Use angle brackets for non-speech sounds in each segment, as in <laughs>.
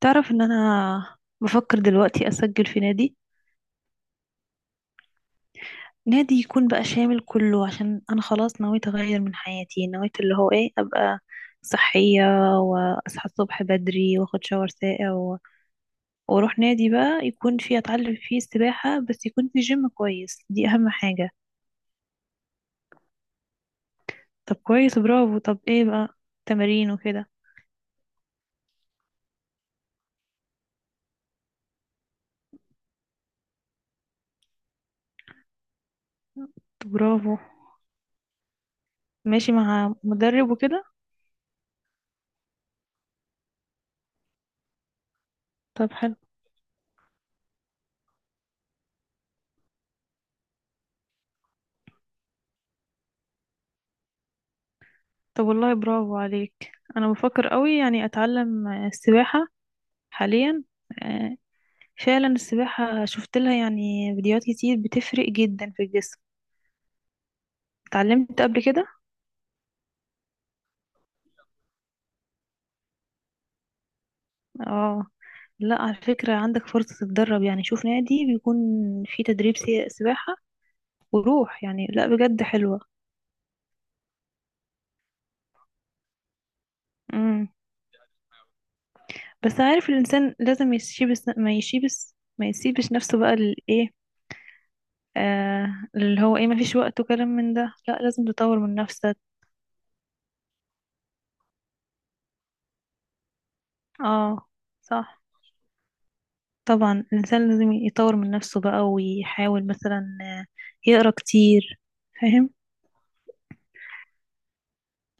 تعرف ان انا بفكر دلوقتي اسجل في نادي. نادي يكون بقى شامل كله، عشان انا خلاص نويت اغير من حياتي، نويت اللي هو ايه، ابقى صحية، واصحى الصبح بدري واخد شاور ساقع واروح نادي بقى يكون فيه، اتعلم فيه السباحة، بس يكون فيه جيم كويس، دي اهم حاجة. طب كويس، برافو. طب ايه بقى؟ تمارين وكده؟ طب برافو. ماشي مع مدرب وكده؟ طب حلو. طب والله برافو عليك. انا بفكر قوي يعني اتعلم السباحة حاليا. آه، فعلا السباحة شفت لها يعني فيديوهات كتير، بتفرق جدا في الجسم. اتعلمت قبل كده؟ اه، لا على فكرة عندك فرصة تتدرب، يعني شوف نادي بيكون فيه تدريب سباحة وروح، يعني لا بجد حلوة. امم بس عارف الإنسان لازم يسيبس ما يسيبس ما يسيبش نفسه بقى للإيه. آه، اللي هو إيه، ما فيش وقت وكلام من ده، لا لازم تطور من نفسك. اه، صح. طبعا الإنسان لازم يطور من نفسه بقى ويحاول مثلا يقرأ كتير. فاهم؟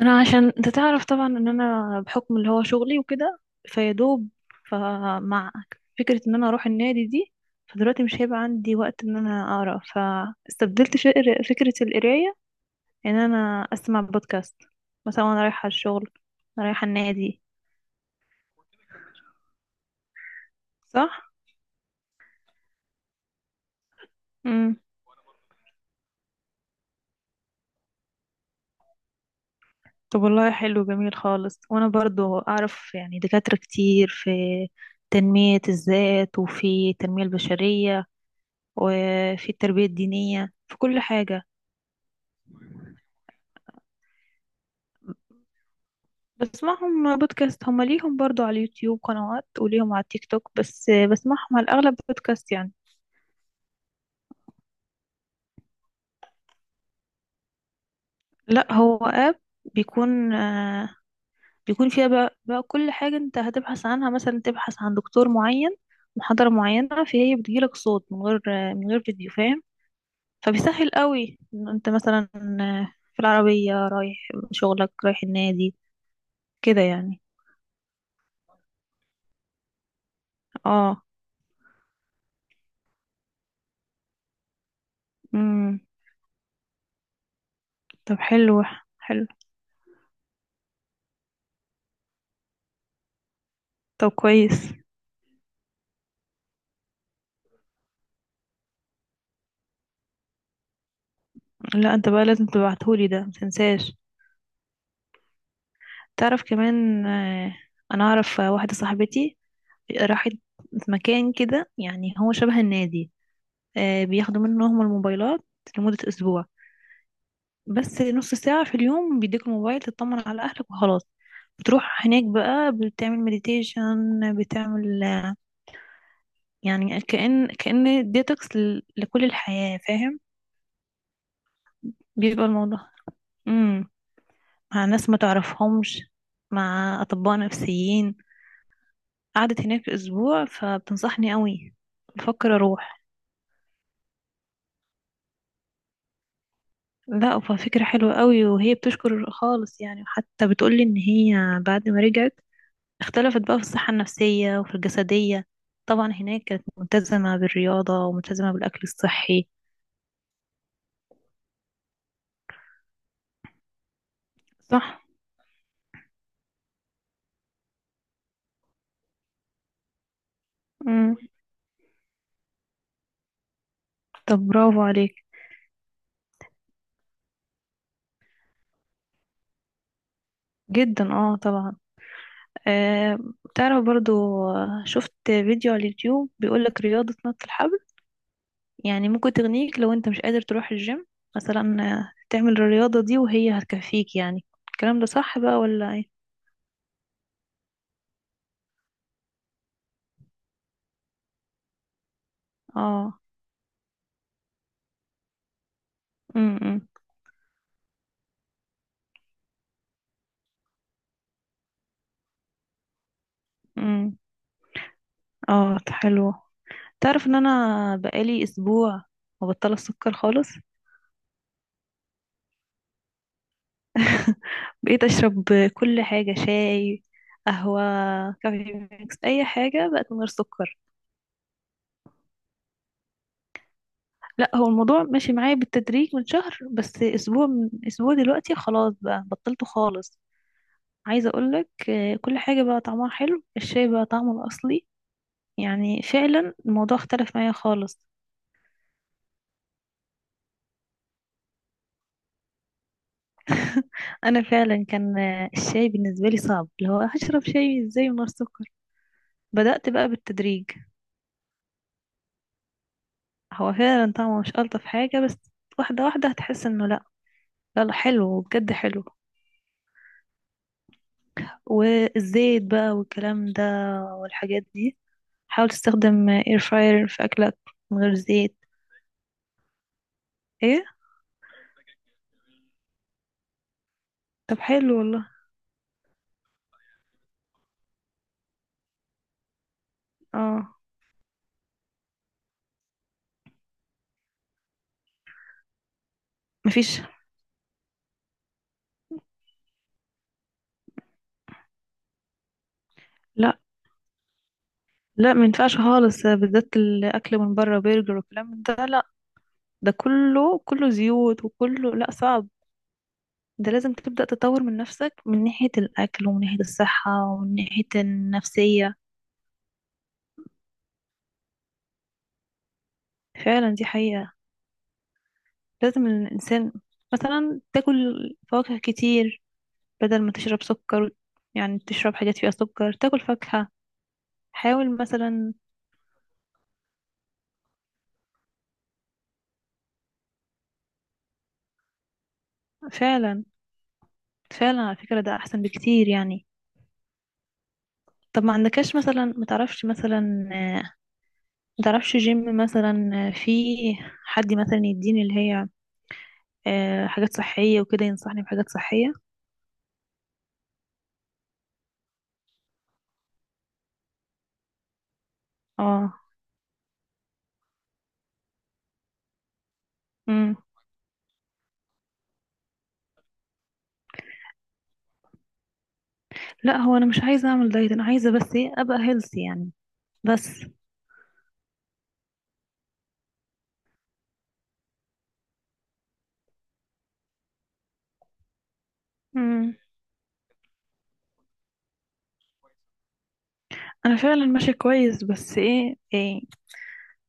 أنا عشان أنت تعرف طبعا إن أنا بحكم اللي هو شغلي وكده فيدوب. فمع فكرة إن أنا أروح النادي دي، فدلوقتي مش هيبقى عندي وقت إن أنا أقرأ، فاستبدلت فكرة القراية، إن أنا أسمع بودكاست مثلا وأنا رايحة الشغل وأنا رايحة النادي. صح؟ طب والله حلو، جميل خالص. وانا برضو اعرف يعني دكاترة كتير في تنمية الذات، وفي التنمية البشرية، وفي التربية الدينية، في كل حاجة. بسمعهم بودكاست. هم ليهم برضو على اليوتيوب قنوات، وليهم على التيك توك، بس بسمعهم على الأغلب بودكاست يعني. لا هو آب، بيكون آه، بيكون فيها بقى كل حاجة انت هتبحث عنها، مثلا تبحث عن دكتور معين، محاضرة معينة، فهي بتجيلك صوت من غير فيديو. فاهم؟ فبيسهل قوي إن انت مثلا في العربية رايح شغلك، رايح النادي، كده يعني. اه. امم طب حلو. حلو. طب كويس. لا انت بقى لازم تبعتهولي ده، متنساش. تعرف كمان انا اعرف واحدة صاحبتي راحت مكان كده، يعني هو شبه النادي. آه، بياخدوا منهم الموبايلات لمدة اسبوع، بس نص ساعة في اليوم بيديك الموبايل تطمن على أهلك وخلاص. بتروح هناك بقى، بتعمل مديتيشن، بتعمل يعني كأن ديتوكس لكل الحياة. فاهم؟ بيبقى الموضوع امم مع ناس ما تعرفهمش، مع أطباء نفسيين. قعدت هناك أسبوع، فبتنصحني قوي. بفكر أروح. لا ففكرة حلوة قوي، وهي بتشكر خالص يعني، حتى بتقولي إن هي بعد ما رجعت اختلفت بقى في الصحة النفسية وفي الجسدية. طبعا هناك كانت ملتزمة بالرياضة وملتزمة بالأكل الصحي. صح. مم. طب برافو عليك. جدا، اه طبعا. آه. تعرف برضو، آه، شفت فيديو على اليوتيوب بيقولك رياضة نط الحبل يعني ممكن تغنيك لو انت مش قادر تروح الجيم، مثلا تعمل الرياضة دي وهي هتكفيك يعني. الكلام ده صح بقى ولا ايه؟ اه. امم امم اه، حلو. تعرف ان انا بقالي اسبوع مبطلة السكر خالص. <laughs> بقيت اشرب كل حاجة، شاي، قهوة، كافي ميكس، اي حاجة بقت من غير سكر. لا هو الموضوع ماشي معايا بالتدريج من شهر، بس اسبوع من اسبوع دلوقتي خلاص بقى بطلته خالص. عايزة اقولك كل حاجة بقى طعمها حلو، الشاي بقى طعمه الاصلي، يعني فعلا الموضوع اختلف معايا خالص. انا فعلا كان الشاي بالنسبة لي صعب، اللي هو هشرب شاي ازاي من غير سكر. بدأت بقى بالتدريج. هو فعلا طعمه مش ألطف حاجة، بس واحدة واحدة هتحس انه لا، لا لا، حلو بجد، حلو. والزيت بقى والكلام ده والحاجات دي، حاول تستخدم اير فراير في أكلك من غير زيت. ايه؟ طب حلو والله. اه، مفيش. لا، لا ما ينفعش خالص، بالذات الأكل من بره، برجر والكلام من ده لا. ده كله كله زيوت، وكله لا صعب. ده لازم تبدأ تطور من نفسك، من ناحية الأكل، ومن ناحية الصحة، ومن ناحية النفسية. فعلا دي حقيقة. لازم الإنسان مثلا تاكل فواكه كتير بدل ما تشرب سكر، يعني تشرب حاجات فيها سكر، تاكل فاكهة. حاول مثلا. فعلا. فعلا على فكرة ده أحسن بكتير يعني. طب ما عندكش مثلا، ما تعرفش مثلا ما تعرفش جيم مثلا في حد مثلا يديني اللي هي حاجات صحية وكده، ينصحني بحاجات صحية. اه. امم لا هو انا مش عايزة اعمل دايت، انا عايزة بس ايه ابقى هيلثي يعني. بس. امم انا فعلا ماشية كويس، بس إيه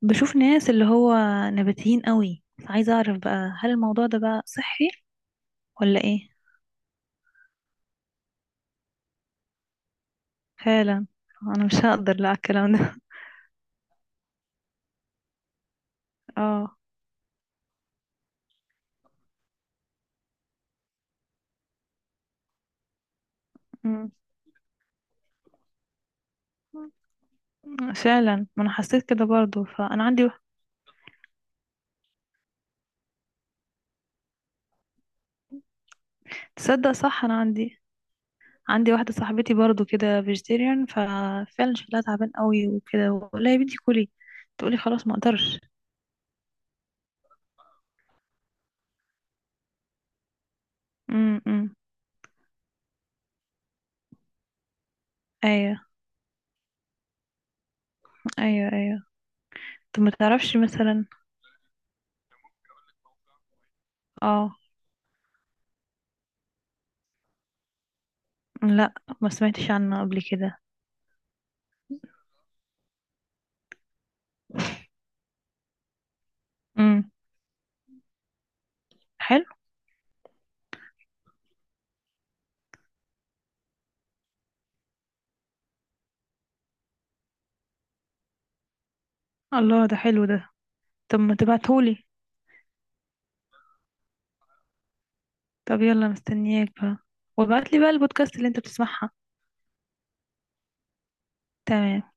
بشوف ناس اللي هو نباتيين قوي، بس عايزة اعرف بقى هل الموضوع ده بقى صحي ولا ايه؟ فعلا. انا مش هقدر لا على الكلام ده. <laughs> اه. أمم. فعلا ما انا حسيت كده برضو، فانا عندي تصدق صح، انا عندي واحدة صاحبتي برضو كده فيجيتيريان، ففعلا شكلها تعبان قوي وكده، ولا يا بنتي كلي، تقولي خلاص ما اقدرش. امم ايوه، ايوه ايوه. طب ما تعرفش مثلا؟ اه، لا ما سمعتش عنه قبل كده. امم حلو. الله ده حلو ده. طب ما تبعتهولي. طب يلا مستنياك بقى، وابعتلي بقى البودكاست اللي انت بتسمعها. تمام.